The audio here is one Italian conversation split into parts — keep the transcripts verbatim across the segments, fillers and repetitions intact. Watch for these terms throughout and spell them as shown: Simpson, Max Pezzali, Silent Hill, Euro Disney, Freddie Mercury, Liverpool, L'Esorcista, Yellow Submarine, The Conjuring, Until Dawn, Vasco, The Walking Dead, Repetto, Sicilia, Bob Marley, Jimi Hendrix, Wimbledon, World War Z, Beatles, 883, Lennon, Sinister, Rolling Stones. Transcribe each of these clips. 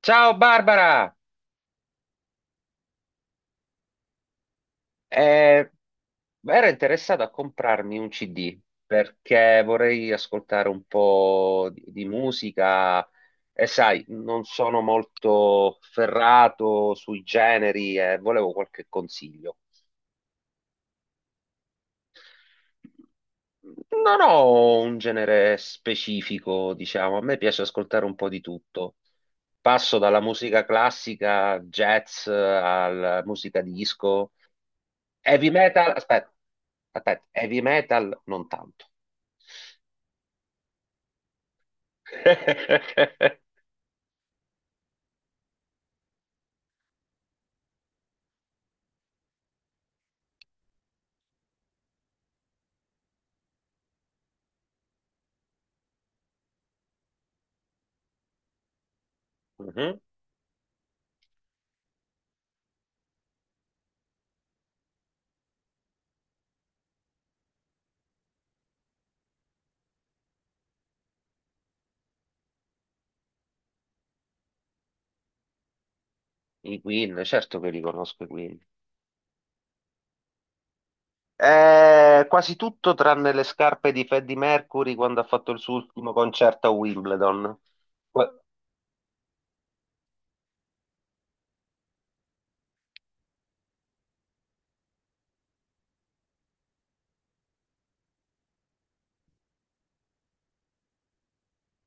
Ciao Barbara, Eh, ero interessato a comprarmi un C D perché vorrei ascoltare un po' di, di musica e sai, non sono molto ferrato sui generi e volevo qualche consiglio. Non ho un genere specifico, diciamo, a me piace ascoltare un po' di tutto. Passo dalla musica classica, jazz, alla musica disco. Heavy metal, aspetta, aspetta, heavy metal non tanto. Mhm. I Queen, certo che li conosco i Queen. Eh, quasi tutto tranne le scarpe di Freddie Mercury quando ha fatto il suo ultimo concerto a Wimbledon. Que-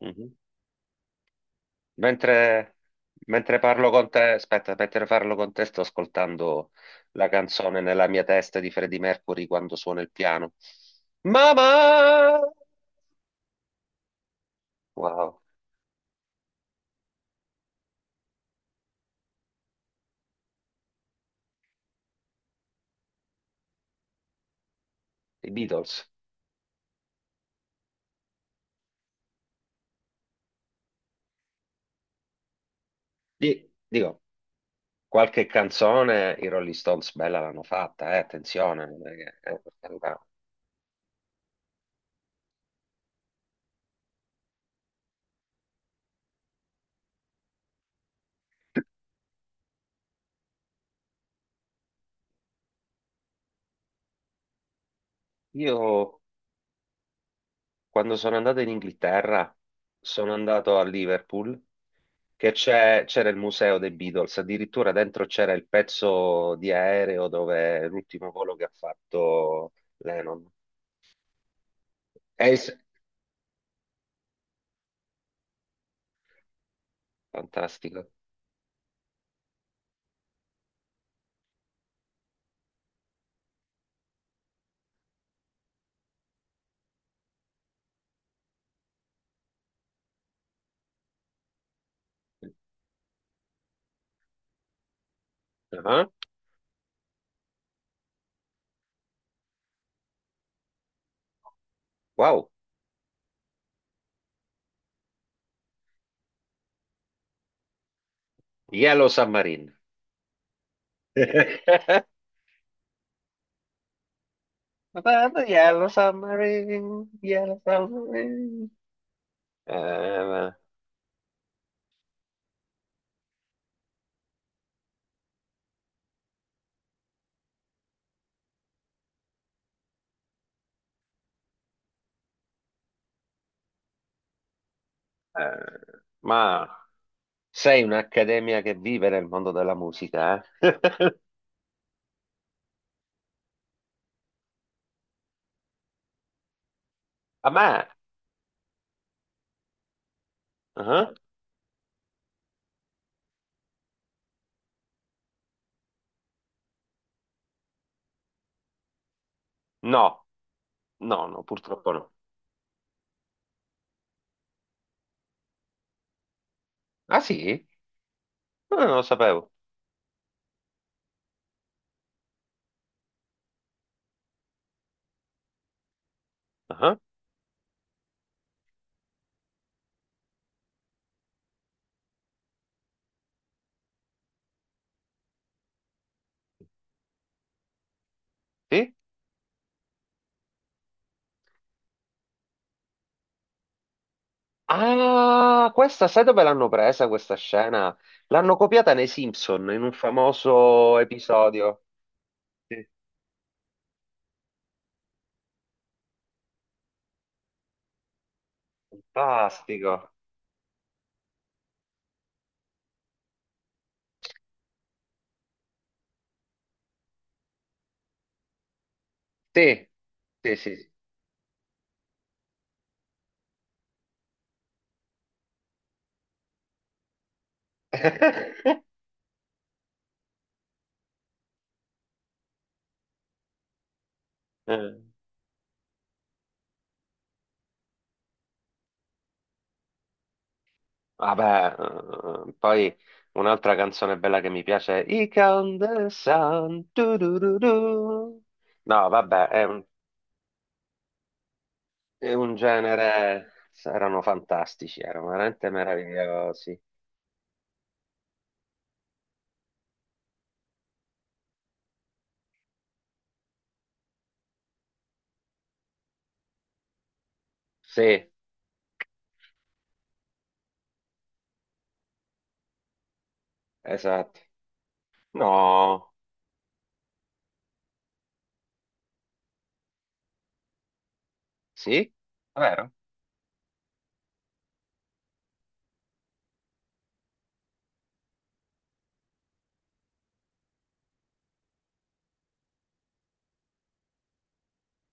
Mhm. Mentre, mentre parlo con te, aspetta, mentre parlo con te sto ascoltando la canzone nella mia testa di Freddie Mercury quando suona il piano. Mamma! Wow. I Beatles. Di- dico, qualche canzone i Rolling Stones bella l'hanno fatta, eh, attenzione. Non è che- eh, per carità. Io quando sono andato in Inghilterra, sono andato a Liverpool, che c'è- c'era il museo dei Beatles, addirittura dentro c'era il pezzo di aereo dove è l'ultimo volo che ha fatto Lennon. È s- fantastico. Ah, wow, Yellow Submarine. Matata yellow submarine, yellow submarine. Eh, eh, ma sei un'accademia che vive nel mondo della musica, eh? A me? Ah, no, no, no, purtroppo no. Ah sì? No, no, non lo sapevo. Ah, sì? Ah, questa, sai dove l'hanno presa questa scena? L'hanno copiata nei Simpson in un famoso episodio. Sì. Fantastico. Sì, sì, sì. Eh. Vabbè, eh, poi un'altra canzone bella che mi piace è I Count the Sun. Tu, tu, tu, tu. No, vabbè, è un, è un genere. Erano fantastici, erano veramente meravigliosi. Sì, esatto. No, sì, vero?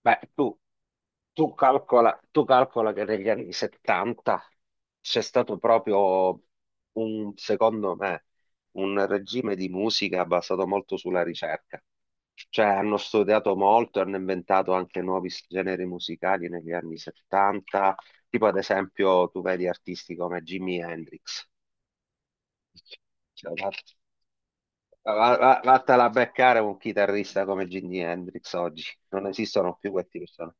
Beh, tu. Tu calcola, tu calcola che negli anni settanta c'è stato proprio un, secondo me, un regime di musica basato molto sulla ricerca. Cioè hanno studiato molto, hanno inventato anche nuovi s- generi musicali negli anni settanta, tipo ad esempio tu vedi artisti come Jimi Hendrix. Cioè, va- va- va- vattela a beccare un chitarrista come Jimi Hendrix oggi, non esistono più questi persone.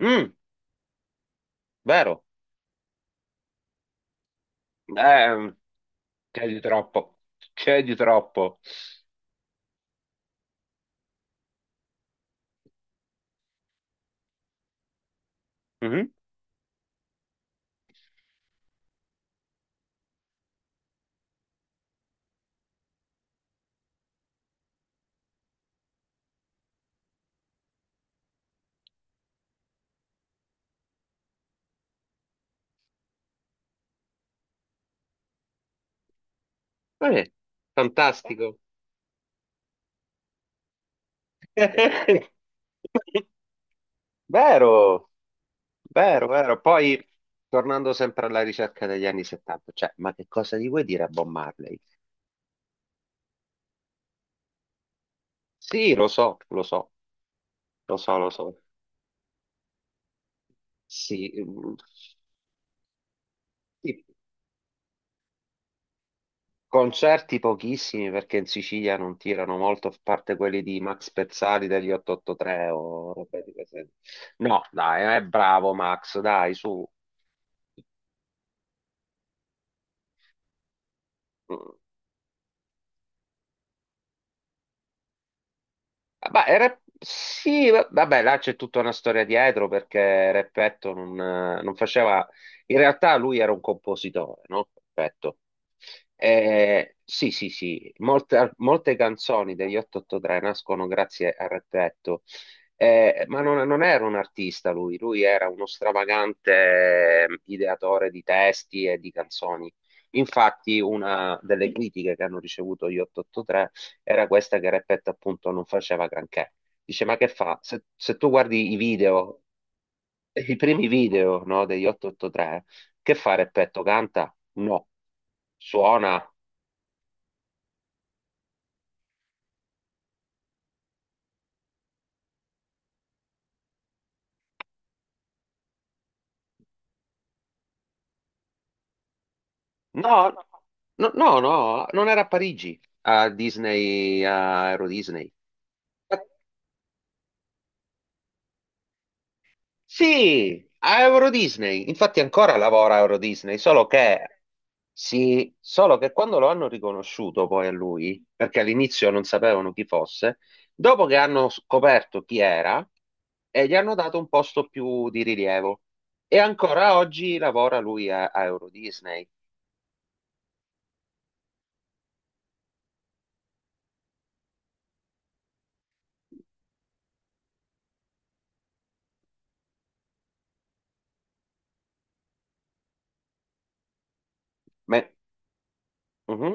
Mm, vero, eh, c'è di troppo, c'è di troppo. Mhm. Eh, fantastico. Vero, vero, vero. Poi, tornando sempre alla ricerca degli anni settanta, cioè, ma che cosa gli vuoi dire a Bob Marley? Sì, lo so, lo so, lo so, lo so. Sì, mm, sì. Concerti pochissimi perché in Sicilia non tirano molto, a parte quelli di Max Pezzali degli otto otto tre o robe di queste- No, dai, è bravo Max, dai, su. Mm. Ma il rap- sì, va- vabbè, là c'è tutta una storia dietro perché Repetto non, eh, non faceva... In realtà lui era un compositore, no? Repetto. Eh, sì, sì, sì, molte, molte canzoni degli otto otto tre nascono grazie a Repetto. Eh, ma non, non era un artista lui, lui era uno stravagante eh, ideatore di testi e di canzoni. Infatti, una delle critiche che hanno ricevuto gli otto otto tre era questa, che Repet appunto non faceva granché. Dice, ma che fa? Se, se tu guardi i video, i primi video, no, degli otto otto tre, che fa Repetto? Canta? No. Suona? No, no, no, no, non era a Parigi, a Disney, a Euro Disney. Sì, a Euro Disney. Infatti ancora lavora a Euro Disney, solo che, sì, solo che quando lo hanno riconosciuto poi a lui, perché all'inizio non sapevano chi fosse, dopo che hanno scoperto chi era, e gli hanno dato un posto più di rilievo. E ancora oggi lavora lui a, a Euro Disney. Me- mhm.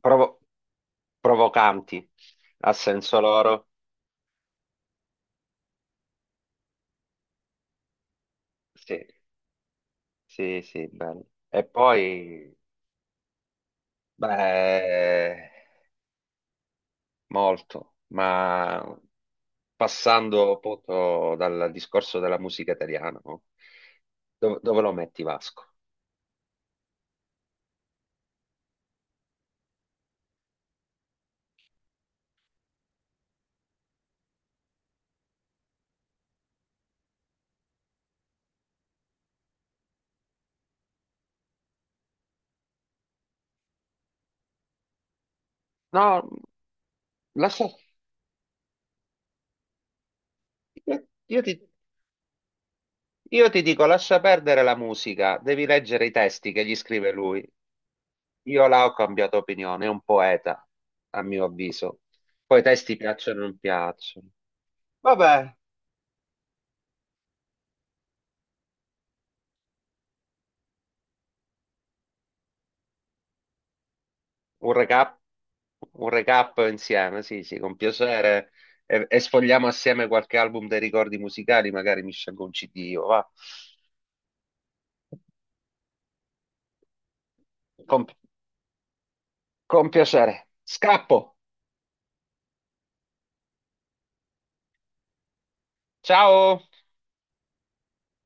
Provo- provocanti, a senso loro. Sì, sì, sì, bello. E poi... Beh, molto, ma passando appunto dal discorso della musica italiana, no? Dove, dove lo metti Vasco? No, lascia, io, io ti, io ti dico, lascia perdere la musica, devi leggere i testi che gli scrive lui. Io là ho cambiato opinione, è un poeta, a mio avviso. Poi i testi piacciono o non piacciono. Vabbè, un recap, un recap insieme, sì, sì, con piacere. E, e sfogliamo assieme qualche album dei ricordi musicali, magari mi scelgo un C D, io, va. Con, con piacere. Scappo. Ciao.